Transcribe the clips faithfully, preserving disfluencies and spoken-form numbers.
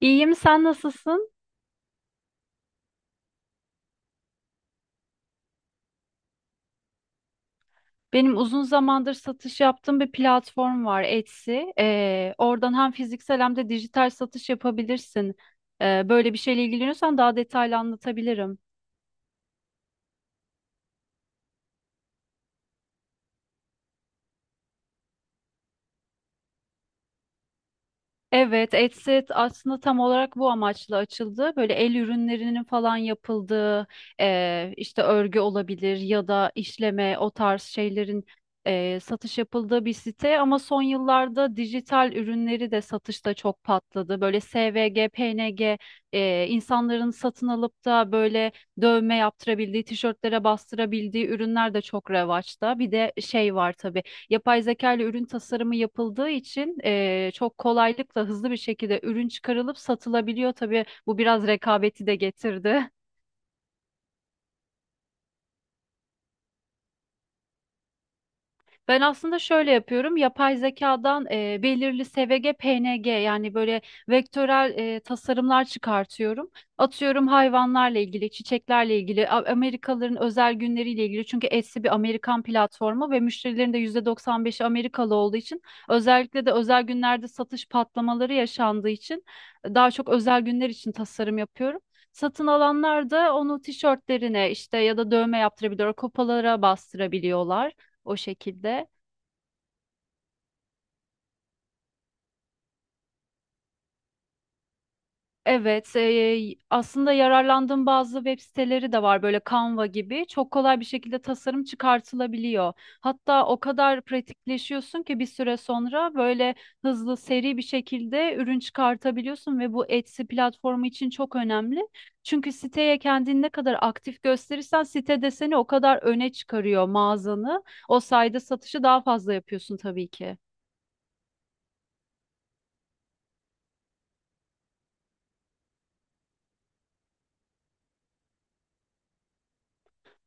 İyiyim, sen nasılsın? Benim uzun zamandır satış yaptığım bir platform var, Etsy. Ee, oradan hem fiziksel hem de dijital satış yapabilirsin. Ee, böyle bir şeyle ilgileniyorsan daha detaylı anlatabilirim. Evet, Etsyt aslında tam olarak bu amaçla açıldı. Böyle el ürünlerinin falan yapıldığı, eee, işte örgü olabilir ya da işleme o tarz şeylerin eee, satış yapıldığı bir site. Ama son yıllarda dijital ürünleri de satışta çok patladı. Böyle S V G, P N G, eee, insanların satın alıp da böyle dövme yaptırabildiği, tişörtlere bastırabildiği ürünler de çok revaçta. Bir de şey var tabii. Yapay zeka ile ürün tasarımı yapıldığı için e, çok kolaylıkla hızlı bir şekilde ürün çıkarılıp satılabiliyor. Tabii bu biraz rekabeti de getirdi. Ben aslında şöyle yapıyorum. Yapay zekadan e, belirli S V G, P N G, yani böyle vektörel e, tasarımlar çıkartıyorum. Atıyorum hayvanlarla ilgili, çiçeklerle ilgili, A- Amerikalıların özel günleriyle ilgili. Çünkü Etsy bir Amerikan platformu ve müşterilerin de yüzde doksan beşi Amerikalı olduğu için özellikle de özel günlerde satış patlamaları yaşandığı için daha çok özel günler için tasarım yapıyorum. Satın alanlar da onu tişörtlerine işte ya da dövme yaptırabiliyor, kopalara bastırabiliyorlar o şekilde. Evet, e, aslında yararlandığım bazı web siteleri de var böyle Canva gibi. Çok kolay bir şekilde tasarım çıkartılabiliyor. Hatta o kadar pratikleşiyorsun ki bir süre sonra böyle hızlı, seri bir şekilde ürün çıkartabiliyorsun ve bu Etsy platformu için çok önemli. Çünkü siteye kendini ne kadar aktif gösterirsen site de seni o kadar öne çıkarıyor mağazanı. O sayede satışı daha fazla yapıyorsun tabii ki.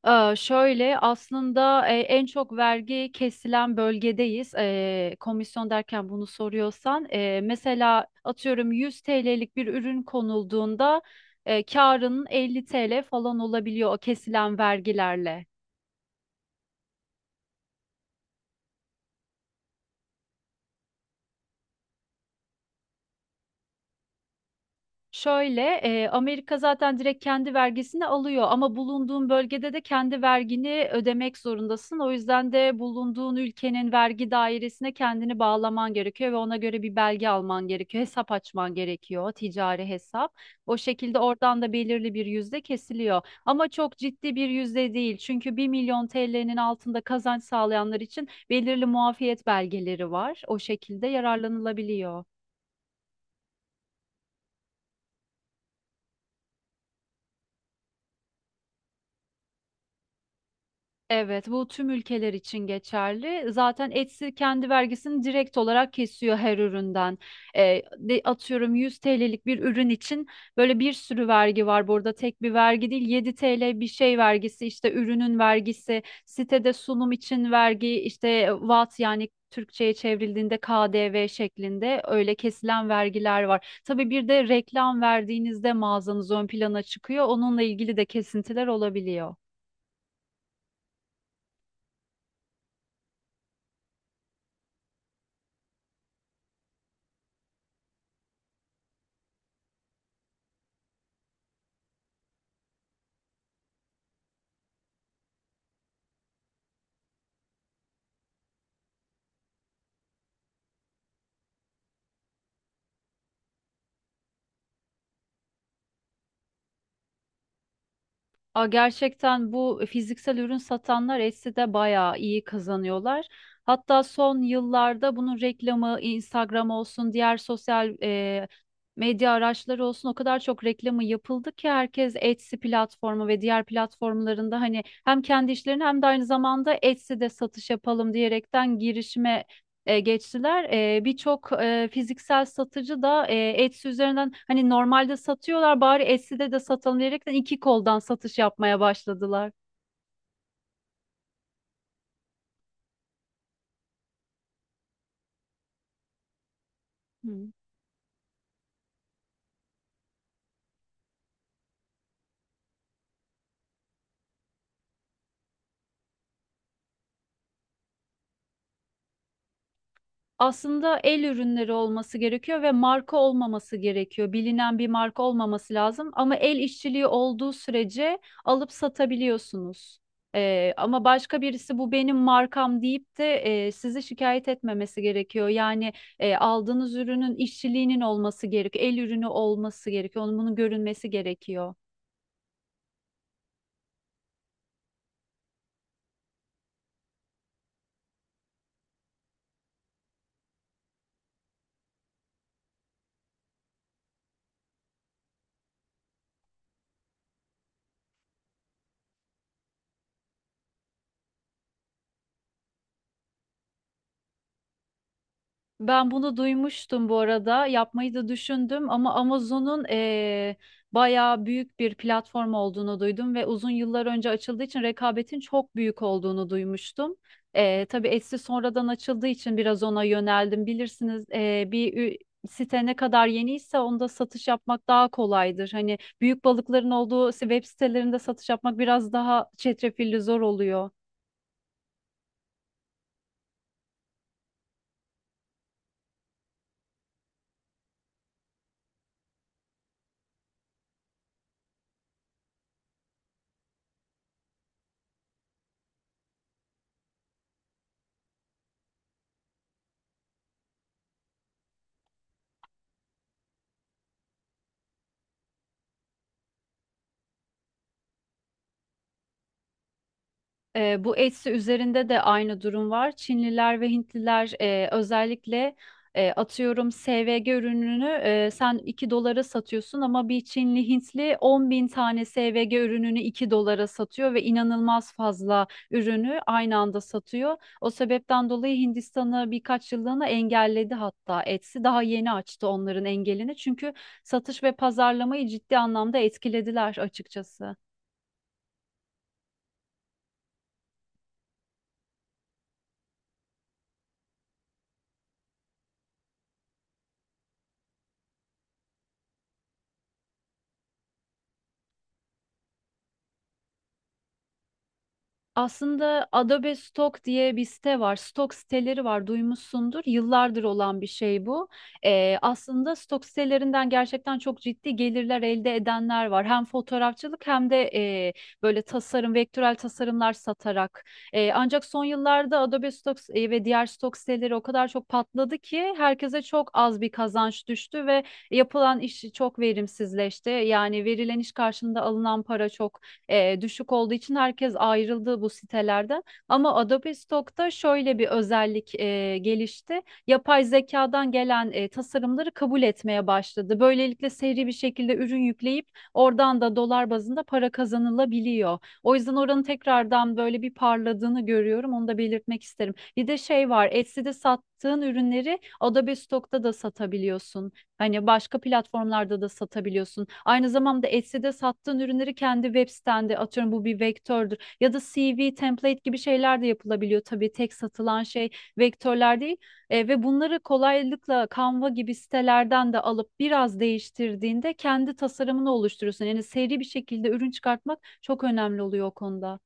Ee, şöyle aslında e, en çok vergi kesilen bölgedeyiz. Ee, komisyon derken bunu soruyorsan, e, mesela atıyorum yüz T L'lik bir ürün konulduğunda e, karının elli T L falan olabiliyor o kesilen vergilerle. Şöyle, e, Amerika zaten direkt kendi vergisini alıyor ama bulunduğun bölgede de kendi vergini ödemek zorundasın. O yüzden de bulunduğun ülkenin vergi dairesine kendini bağlaman gerekiyor ve ona göre bir belge alman gerekiyor. Hesap açman gerekiyor, ticari hesap. O şekilde oradan da belirli bir yüzde kesiliyor. Ama çok ciddi bir yüzde değil. Çünkü bir milyon T L'nin altında kazanç sağlayanlar için belirli muafiyet belgeleri var. O şekilde yararlanılabiliyor. Evet, bu tüm ülkeler için geçerli. Zaten Etsy kendi vergisini direkt olarak kesiyor her üründen. Ee, de, atıyorum yüz T L'lik bir ürün için böyle bir sürü vergi var burada. Tek bir vergi değil, yedi T L bir şey vergisi, işte ürünün vergisi, sitede sunum için vergi, işte V A T yani Türkçe'ye çevrildiğinde K D V şeklinde öyle kesilen vergiler var. Tabii bir de reklam verdiğinizde mağazanız ön plana çıkıyor. Onunla ilgili de kesintiler olabiliyor. Aa, gerçekten bu fiziksel ürün satanlar Etsy'de bayağı iyi kazanıyorlar. Hatta son yıllarda bunun reklamı Instagram olsun, diğer sosyal e, medya araçları olsun o kadar çok reklamı yapıldı ki herkes Etsy platformu ve diğer platformlarında hani hem kendi işlerini hem de aynı zamanda Etsy'de satış yapalım diyerekten girişime e, geçtiler. E, birçok e, fiziksel satıcı da e, Etsy üzerinden hani normalde satıyorlar bari Etsy'de de satalım diyerekten iki koldan satış yapmaya başladılar. Hı. Aslında el ürünleri olması gerekiyor ve marka olmaması gerekiyor. Bilinen bir marka olmaması lazım ama el işçiliği olduğu sürece alıp satabiliyorsunuz. Ee, ama başka birisi bu benim markam deyip de e, sizi şikayet etmemesi gerekiyor. Yani e, aldığınız ürünün işçiliğinin olması gerekiyor. El ürünü olması gerekiyor. Onun bunun görünmesi gerekiyor. Ben bunu duymuştum bu arada. Yapmayı da düşündüm ama Amazon'un eee bayağı büyük bir platform olduğunu duydum ve uzun yıllar önce açıldığı için rekabetin çok büyük olduğunu duymuştum. Eee tabii Etsy sonradan açıldığı için biraz ona yöneldim. Bilirsiniz, eee, bir ü- site ne kadar yeniyse onda satış yapmak daha kolaydır. Hani büyük balıkların olduğu web sitelerinde satış yapmak biraz daha çetrefilli zor oluyor. E, bu Etsy üzerinde de aynı durum var. Çinliler ve Hintliler e, özellikle e, atıyorum S V G ürününü e, sen iki dolara satıyorsun ama bir Çinli Hintli on bin tane S V G ürününü iki dolara satıyor ve inanılmaz fazla ürünü aynı anda satıyor. O sebepten dolayı Hindistan'ı birkaç yıllığına engelledi hatta Etsy. Daha yeni açtı onların engelini çünkü satış ve pazarlamayı ciddi anlamda etkilediler açıkçası. Aslında Adobe Stock diye bir site var. Stock siteleri var, duymuşsundur. Yıllardır olan bir şey bu. Ee, aslında Stock sitelerinden gerçekten çok ciddi gelirler elde edenler var. Hem fotoğrafçılık hem de e, böyle tasarım, vektörel tasarımlar satarak. E, ancak son yıllarda Adobe Stock e, ve diğer Stock siteleri o kadar çok patladı ki herkese çok az bir kazanç düştü ve yapılan iş çok verimsizleşti. Yani verilen iş karşılığında alınan para çok e, düşük olduğu için herkes ayrıldı bu sitelerden. Ama Adobe Stock'ta şöyle bir özellik e, gelişti. Yapay zekadan gelen e, tasarımları kabul etmeye başladı. Böylelikle seri bir şekilde ürün yükleyip oradan da dolar bazında para kazanılabiliyor. O yüzden oranın tekrardan böyle bir parladığını görüyorum. Onu da belirtmek isterim. Bir de şey var, Etsy'de sattığın ürünleri Adobe Stock'ta da satabiliyorsun. Hani başka platformlarda da satabiliyorsun. Aynı zamanda Etsy'de sattığın ürünleri kendi web sitende atıyorum bu bir vektördür. Ya da C V, template gibi şeyler de yapılabiliyor. Tabii tek satılan şey vektörler değil. E, ve bunları kolaylıkla Canva gibi sitelerden de alıp biraz değiştirdiğinde kendi tasarımını oluşturuyorsun. Yani seri bir şekilde ürün çıkartmak çok önemli oluyor o konuda.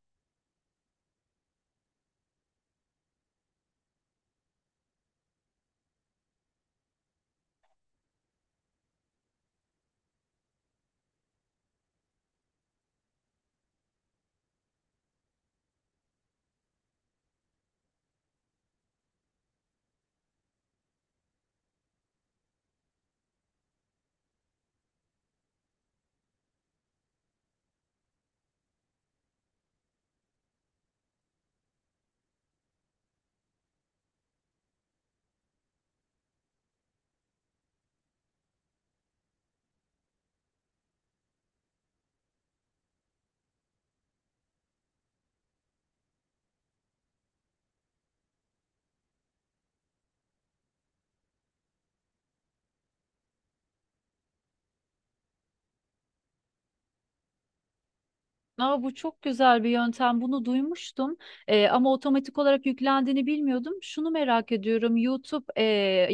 Aa, bu çok güzel bir yöntem. Bunu duymuştum. Ee, ama otomatik olarak yüklendiğini bilmiyordum. Şunu merak ediyorum. YouTube e,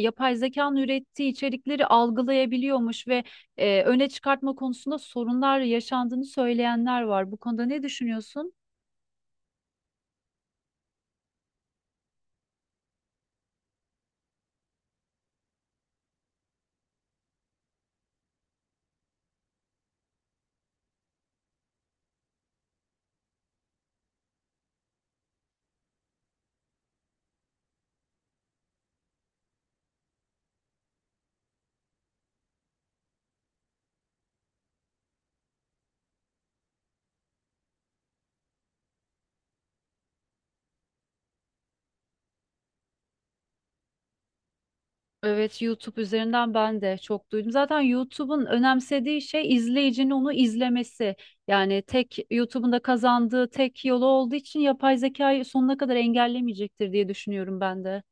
yapay zekanın ürettiği içerikleri algılayabiliyormuş ve e, öne çıkartma konusunda sorunlar yaşandığını söyleyenler var. Bu konuda ne düşünüyorsun? Evet, YouTube üzerinden ben de çok duydum. Zaten YouTube'un önemsediği şey izleyicinin onu izlemesi. Yani tek YouTube'un da kazandığı tek yolu olduğu için yapay zekayı sonuna kadar engellemeyecektir diye düşünüyorum ben de.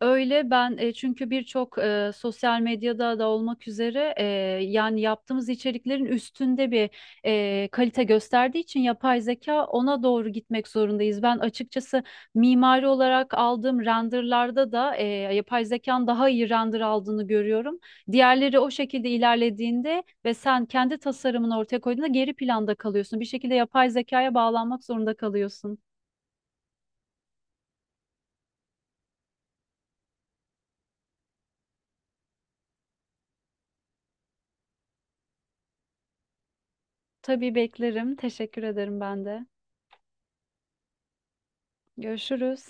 Öyle ben e, çünkü birçok e, sosyal medyada da olmak üzere e, yani yaptığımız içeriklerin üstünde bir e, kalite gösterdiği için yapay zeka ona doğru gitmek zorundayız. Ben açıkçası mimari olarak aldığım renderlarda da e, yapay zekanın daha iyi render aldığını görüyorum. Diğerleri o şekilde ilerlediğinde ve sen kendi tasarımını ortaya koyduğunda geri planda kalıyorsun. Bir şekilde yapay zekaya bağlanmak zorunda kalıyorsun. Tabii beklerim. Teşekkür ederim ben de. Görüşürüz.